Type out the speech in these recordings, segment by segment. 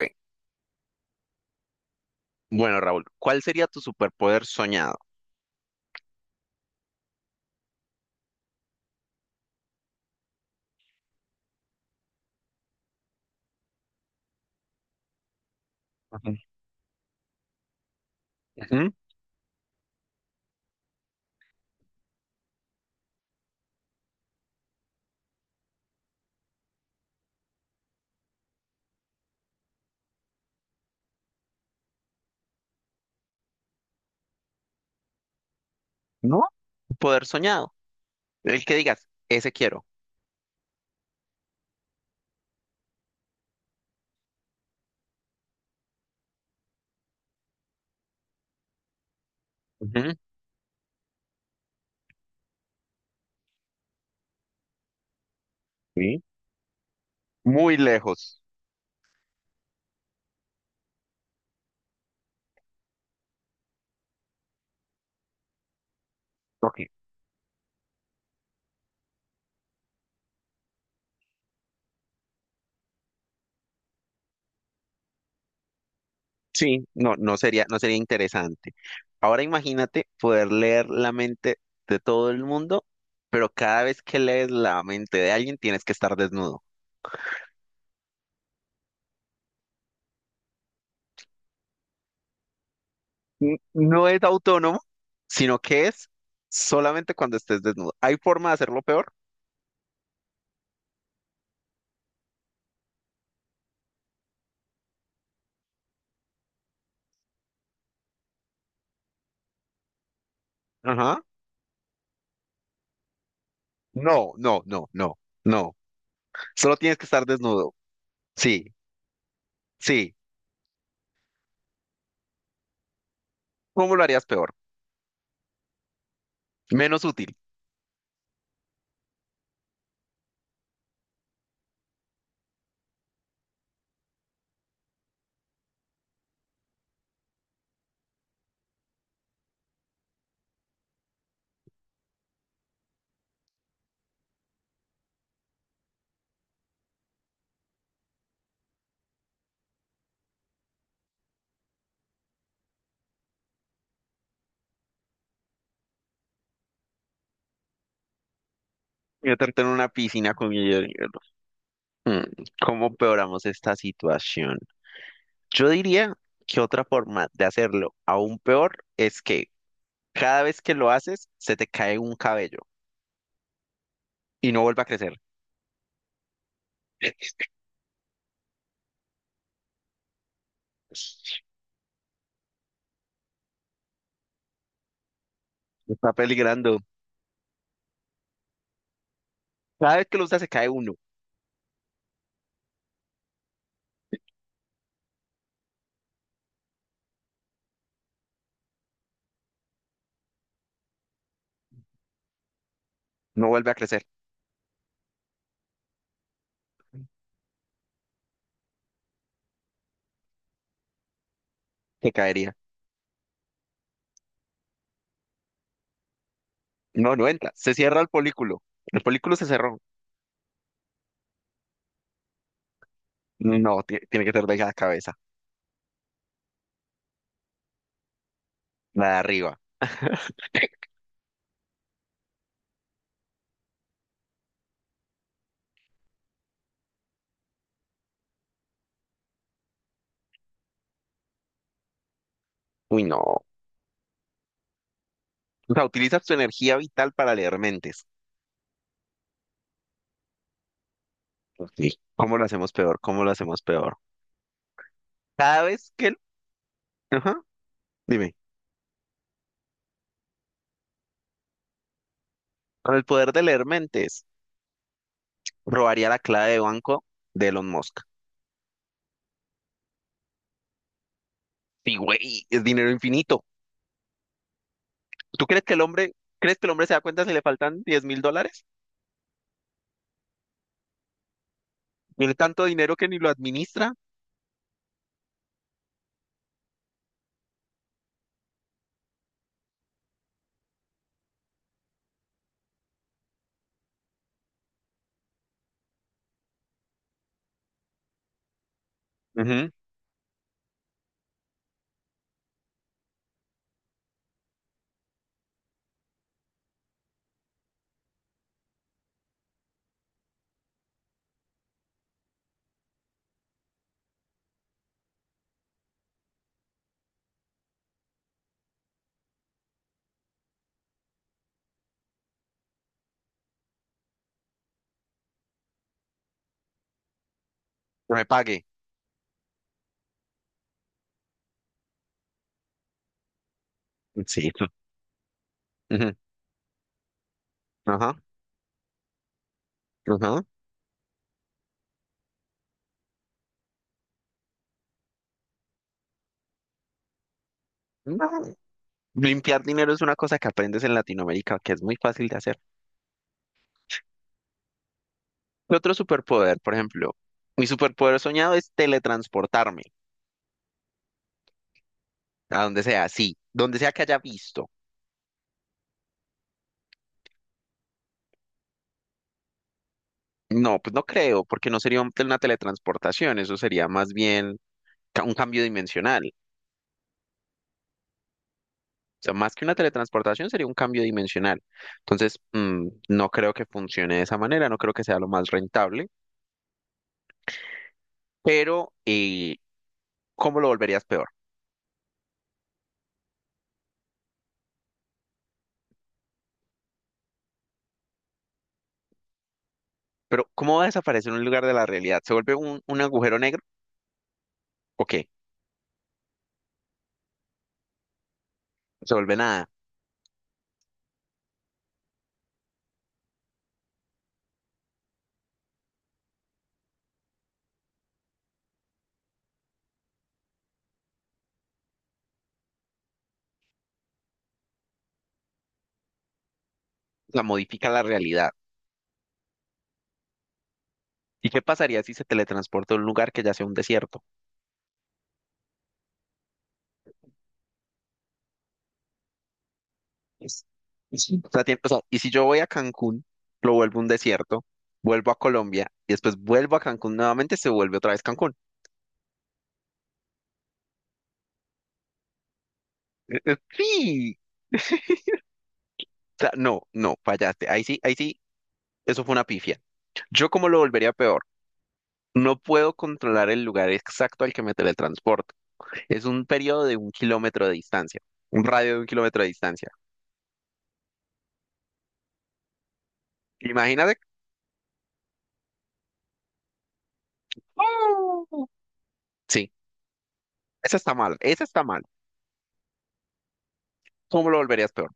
Ok. Bueno, Raúl, ¿cuál sería tu superpoder soñado? Ujú. Ujú. ¿No? Poder soñado. El que digas, ese quiero. Ujú. Sí. Muy lejos. Ok. Sí, no, no sería interesante. Ahora imagínate poder leer la mente de todo el mundo, pero cada vez que lees la mente de alguien tienes que estar desnudo. No es autónomo, sino que es solamente cuando estés desnudo. ¿Hay forma de hacerlo peor? Ajá. No, no, no, no, no. Solo tienes que estar desnudo. Sí, sí. ¿Cómo lo harías peor? Menos útil. Yo te en una piscina con hielo. Mm, ¿Cómo peoramos esta situación? Yo diría que otra forma de hacerlo aún peor es que cada vez que lo haces, se te cae un cabello y no vuelve a crecer. Está peligrando. Cada vez que lo usas, se cae uno. No vuelve a crecer. Se caería. No, no entra. Se cierra el polículo. El polículo se cerró. No, tiene que ser de la cabeza, la de arriba. Uy, no. O sea, utilizas tu energía vital para leer mentes. Sí. ¿Cómo lo hacemos peor? ¿Cómo lo hacemos peor? Cada vez que... Ajá, dime. Con el poder de leer mentes, robaría la clave de banco de Elon Musk. Sí, güey, es dinero infinito. ¿Tú crees que el hombre, crees que el hombre se da cuenta si le faltan 10.000 dólares? Tiene tanto dinero que ni lo administra. Ujú. Que me pague. Sí. Ujú. Ajá, ajá. No. Limpiar dinero es una cosa que aprendes en Latinoamérica, que es muy fácil de hacer. ¿Qué otro superpoder? Por ejemplo, mi superpoder soñado es teletransportarme a donde sea, sí, donde sea que haya visto. No, pues no creo, porque no sería una teletransportación, eso sería más bien un cambio dimensional. O sea, más que una teletransportación sería un cambio dimensional. Entonces, no creo que funcione de esa manera, no creo que sea lo más rentable, pero ¿cómo lo volverías peor? Pero ¿cómo va a desaparecer un lugar de la realidad? ¿Se vuelve un agujero negro? ¿O qué? ¿Se vuelve nada? La modifica la realidad. ¿Y qué pasaría si se teletransporta a un lugar que ya sea un desierto? Es- O sea, o sea, y si yo voy a Cancún, lo vuelvo un desierto, vuelvo a Colombia y después vuelvo a Cancún nuevamente, se vuelve otra vez Cancún. Sí. O sea, no, no, fallaste. Ahí sí, eso fue una pifia. Yo como lo volvería peor. No puedo controlar el lugar exacto al que me teletransporto. Es un periodo de 1 kilómetro de distancia, un radio de 1 kilómetro de distancia. Imagínate. ¡Oh! Sí, esa está mal, esa está mal. ¿Cómo lo volverías peor?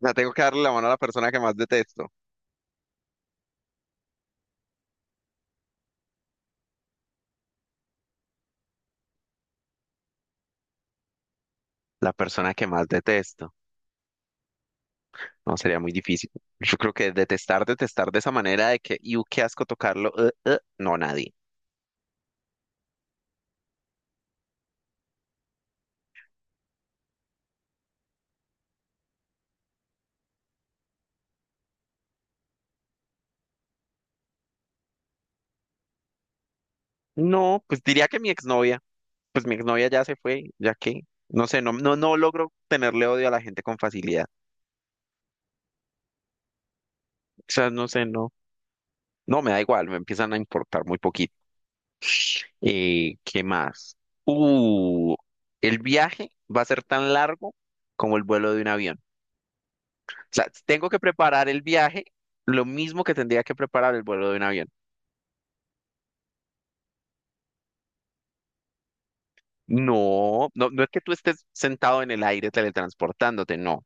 O sea, tengo que darle la mano a la persona que más detesto. La persona que más detesto. No, sería muy difícil. Yo creo que detestar, detestar de esa manera de que, y qué asco tocarlo. No, nadie. No, pues diría que mi exnovia. Pues mi exnovia ya se fue, ya que, no sé, no, no, no logro tenerle odio a la gente con facilidad. O sea, no sé, no. No, me da igual, me empiezan a importar muy poquito. ¿Qué más? Uh, el viaje va a ser tan largo como el vuelo de un avión. Sea, tengo que preparar el viaje lo mismo que tendría que preparar el vuelo de un avión. No, no, no es que tú estés sentado en el aire teletransportándote, no,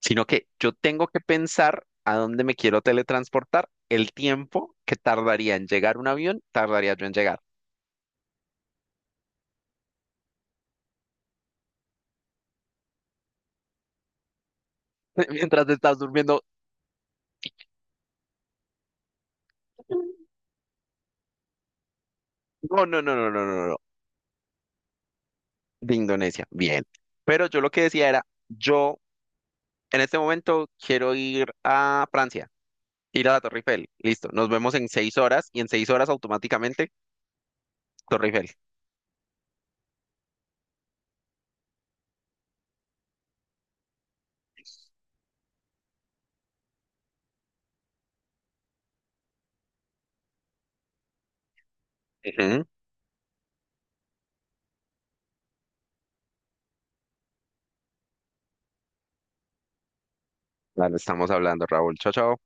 sino que yo tengo que pensar a dónde me quiero teletransportar, el tiempo que tardaría en llegar un avión, tardaría yo en llegar. Mientras te estás durmiendo, no, no, no, no, no, no, no, de Indonesia, bien. Pero yo lo que decía era, yo en este momento quiero ir a Francia. Ir a la Torre Eiffel, listo. Nos vemos en 6 horas y en 6 horas automáticamente Torre Eiffel. Ujú. Claro, estamos hablando, Raúl. Chao, chao.